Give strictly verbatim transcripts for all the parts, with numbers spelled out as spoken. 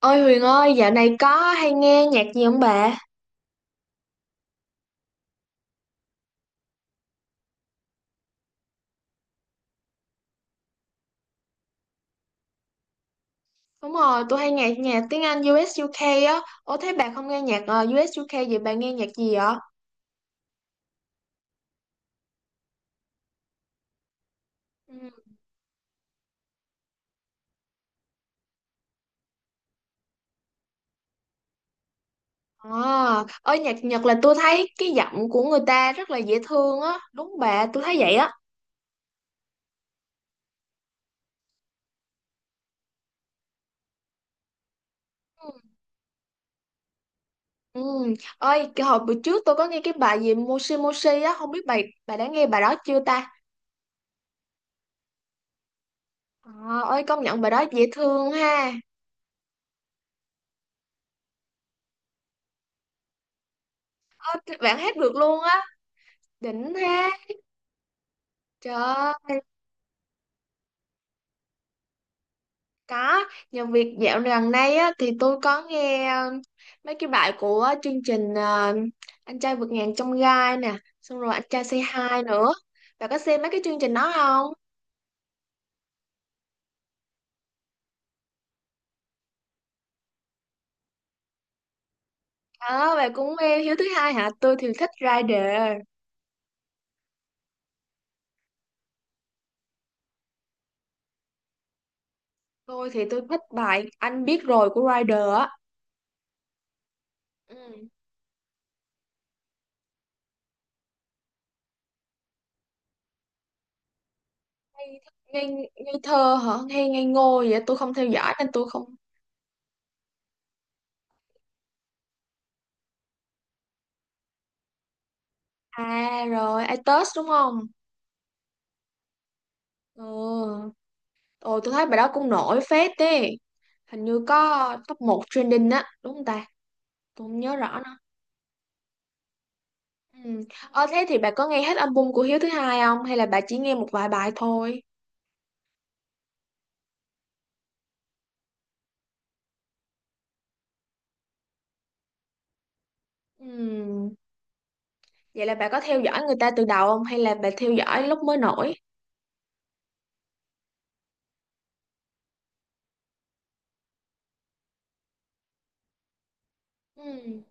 Ôi Huyền ơi, dạo này có hay nghe nhạc gì không bà? Đúng rồi, tôi hay nghe nhạc tiếng Anh u ét u UK á. Ủa thế bà không nghe nhạc uh, u UK vậy bà nghe nhạc gì vậy? Ừ. À, ơi nhạc Nhật là tôi thấy cái giọng của người ta rất là dễ thương á. Đúng bà, tôi thấy vậy á. Ừ. Ừ. Ơi, cái hồi bữa trước tôi có nghe cái bài gì Moshi Moshi á, không biết bà bà đã nghe bài đó chưa ta? À, ơi công nhận bài đó dễ thương ha. Ơ, bạn hát được luôn á, đỉnh ha. Trời. Có, nhờ việc dạo gần đây á, thì tôi có nghe ờ, mấy cái bài của chương trình ờ, Anh trai vượt ngàn chông gai nè, xong rồi Anh trai Say Hi nữa. Bà có xem mấy cái chương trình đó không? Ờ, bà cũng nghe Hiếu thứ hai hả? Tôi thì thích Rider. Tôi thì tôi thích bài Anh biết rồi của Rider á. Ừ. Ngây, ngây, ngây thơ hả? Ngây, ngây ngô vậy? Tôi không theo dõi nên tôi không... À rồi, i test đúng không? Ừ. Ồ, tôi thấy bài đó cũng nổi phết đấy. Hình như có top một trending á, đúng không ta? Tôi không nhớ rõ nữa. Ừ. Ờ thế thì bà có nghe hết album của Hiếu thứ hai không, hay là bà chỉ nghe một vài bài thôi? Ừ. Vậy là bà có theo dõi người ta từ đầu không, hay là bà theo dõi lúc mới nổi? Ừ.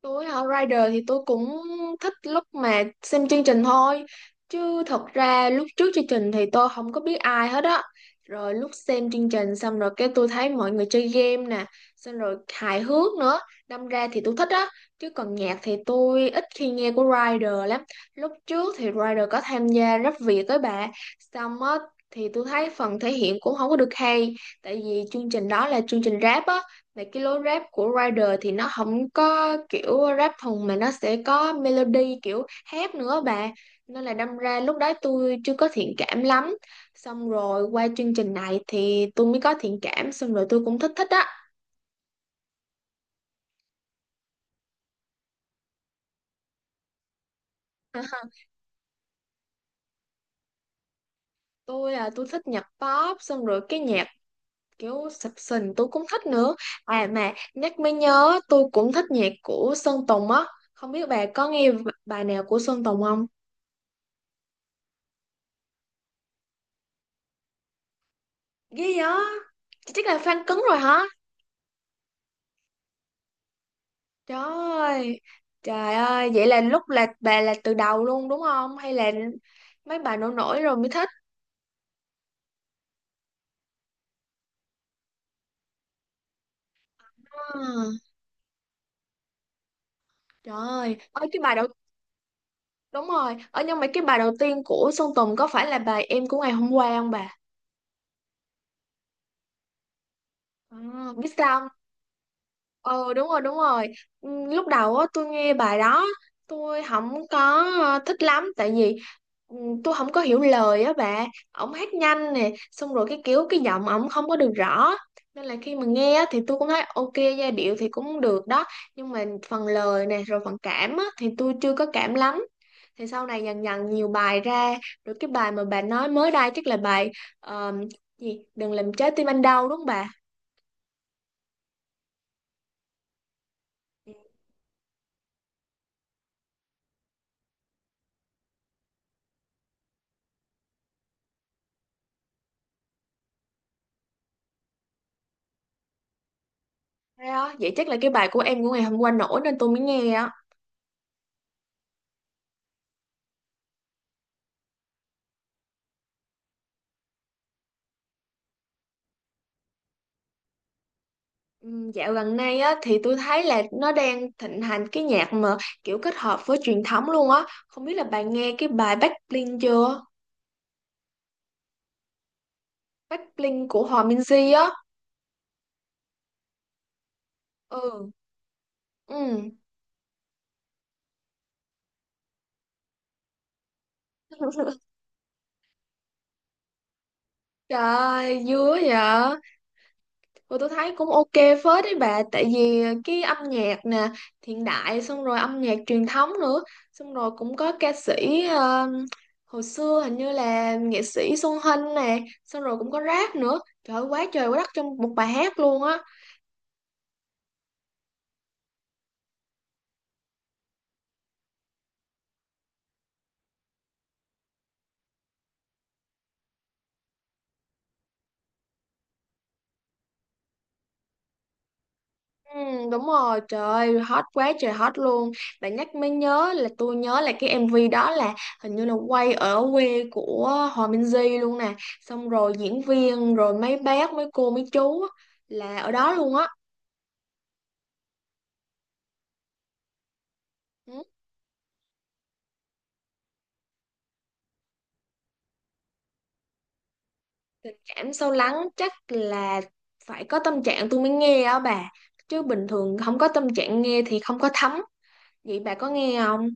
Tôi hả? Rider thì tôi cũng thích lúc mà xem chương trình thôi, chứ thật ra lúc trước chương trình thì tôi không có biết ai hết á. Rồi lúc xem chương trình xong rồi, cái tôi thấy mọi người chơi game nè, xong rồi hài hước nữa, đâm ra thì tôi thích á. Chứ còn nhạc thì tôi ít khi nghe của Rider lắm. Lúc trước thì Rider có tham gia rap Việt với bà, xong á thì tôi thấy phần thể hiện cũng không có được hay, tại vì chương trình đó là chương trình rap á. Và cái lối rap của Rider thì nó không có kiểu rap thùng, mà nó sẽ có melody kiểu hát nữa bà. Nên là đâm ra lúc đó tôi chưa có thiện cảm lắm. Xong rồi qua chương trình này thì tôi mới có thiện cảm, xong rồi tôi cũng thích thích á. Tôi là tôi thích nhạc pop, xong rồi cái nhạc kiểu sập sình tôi cũng thích nữa. À mà nhắc mới nhớ tôi cũng thích nhạc của Sơn Tùng á. Không biết bà có nghe bài nào của Sơn Tùng không? Ghê vậy? Chắc là fan cứng rồi hả? Trời ơi, trời ơi, vậy là lúc là bà là từ đầu luôn đúng không? Hay là mấy bà nổi nổi rồi mới thích? À, trời ơi, ở cái bài đầu đúng rồi, ở nhưng mà cái bài đầu tiên của Sơn Tùng có phải là bài Em của ngày hôm qua không bà? À, biết sao. Ờ, đúng rồi, đúng rồi. Ừ, lúc đầu á tôi nghe bài đó, tôi không có ờ, thích lắm, tại vì ừ, tôi không có hiểu lời á bà. Ổng hát nhanh nè, xong rồi cái kiểu cái giọng ổng không có được rõ, nên là khi mà nghe á, thì tôi cũng thấy ok, giai điệu thì cũng được đó, nhưng mà phần lời nè rồi phần cảm á, thì tôi chưa có cảm lắm. Thì sau này dần dần nhiều bài ra, rồi cái bài mà bà nói mới đây chắc là bài ờ, gì đừng làm trái tim anh đau đúng không bà? Thế á, vậy chắc là cái bài của em của ngày hôm qua nổi nên tôi mới nghe á. Ừm, Dạo gần đây á thì tôi thấy là nó đang thịnh hành cái nhạc mà kiểu kết hợp với truyền thống luôn á. Không biết là bạn nghe cái bài Backbling chưa? Backbling của Hòa Minzy á. Ừ. Ừ. Trời ơi, vui vậy. Ừ, tôi thấy cũng ok phết đấy bà, tại vì cái âm nhạc nè hiện đại, xong rồi âm nhạc truyền thống nữa, xong rồi cũng có ca sĩ ờ, hồi xưa, hình như là nghệ sĩ Xuân Hinh nè, xong rồi cũng có rap nữa, trời ơi quá trời quá đất trong một bài hát luôn á. ừ, Đúng rồi, trời ơi, hot quá trời hot luôn. Bạn nhắc mới nhớ là tôi nhớ là cái em vê đó là hình như là quay ở quê của Hòa Minh Di luôn nè, xong rồi diễn viên rồi mấy bác mấy cô mấy chú á, là ở đó luôn á. Ừ. Tình cảm sâu lắng chắc là phải có tâm trạng tôi mới nghe á bà. Chứ bình thường không có tâm trạng nghe thì không có thấm. Vậy bà có nghe không?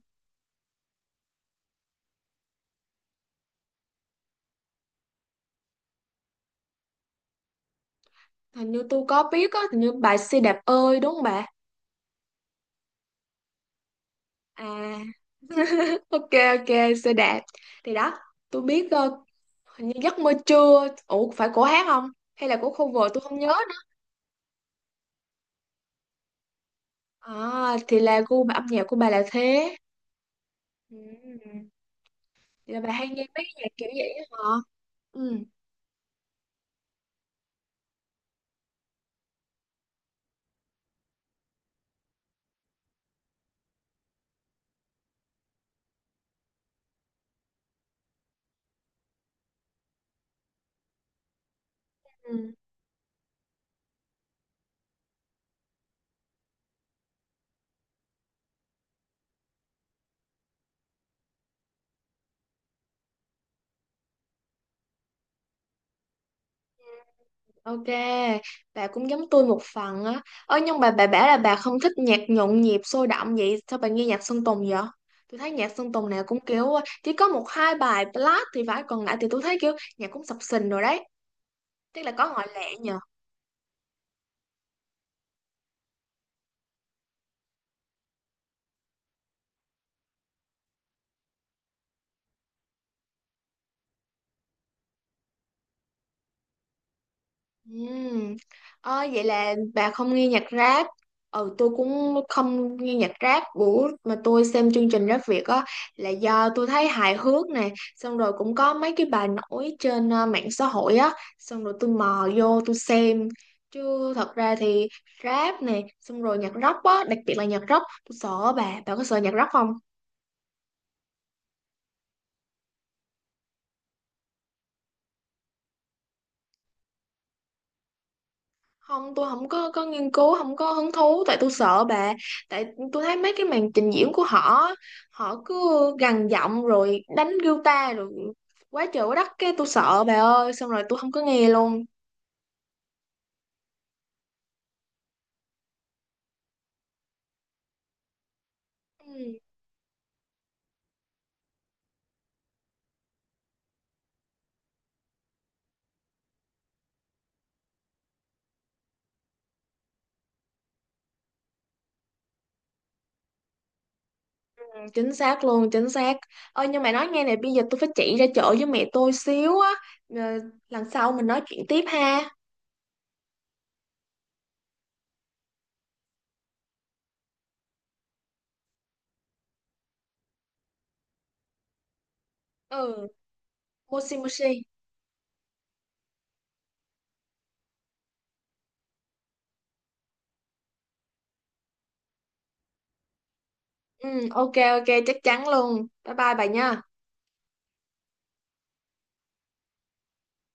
Hình như tôi có biết á, hình như bài xe đạp ơi đúng không bà? À, ok, ok, xe đạp. Thì đó tôi biết ờ, hình như giấc mơ trưa. Ủa phải của hát không? Hay là của cover tôi không nhớ nữa. À thì là gu âm nhạc của bà là thế. Ừ. Vậy là bà hay nghe mấy nhạc kiểu vậy á hả? Ừ. Ừ. Ok, bà cũng giống tôi một phần á. Ơ nhưng mà bà bảo là bà không thích nhạc nhộn nhịp sôi động vậy, sao bà nghe nhạc Sơn Tùng vậy? Tôi thấy nhạc Sơn Tùng nào cũng kiểu ờ, chỉ có một hai bài ballad thì phải, còn lại thì tôi thấy kiểu nhạc cũng sập sình rồi đấy. Tức là có ngoại lệ nhỉ? Ừm. Ờ, vậy là bà không nghe nhạc rap. Ừ, tôi cũng không nghe nhạc rap. Bữa mà tôi xem chương trình Rap Việt á là do tôi thấy hài hước nè, xong rồi cũng có mấy cái bài nổi trên ờ, mạng xã hội á, xong rồi tôi mò vô tôi xem. Chứ thật ra thì rap nè xong rồi nhạc rock á, đặc biệt là nhạc rock tôi sợ bà. Bà có sợ nhạc rock không? Không, tôi không có có nghiên cứu, không có hứng thú tại tôi sợ bà. Tại tôi thấy mấy cái màn trình diễn của họ họ cứ gằn giọng rồi đánh guitar rồi quá trời quá đất, cái tôi sợ bà ơi, xong rồi tôi không có nghe luôn. Ừ, chính xác luôn chính xác. Ơi nhưng mà nói nghe này, bây giờ tôi phải chạy ra chợ với mẹ tôi xíu á. Ờ, lần sau mình nói chuyện tiếp ha. Ừ, moshi moshi. Ừ, ok, ok, chắc chắn luôn, bye bye bà nha.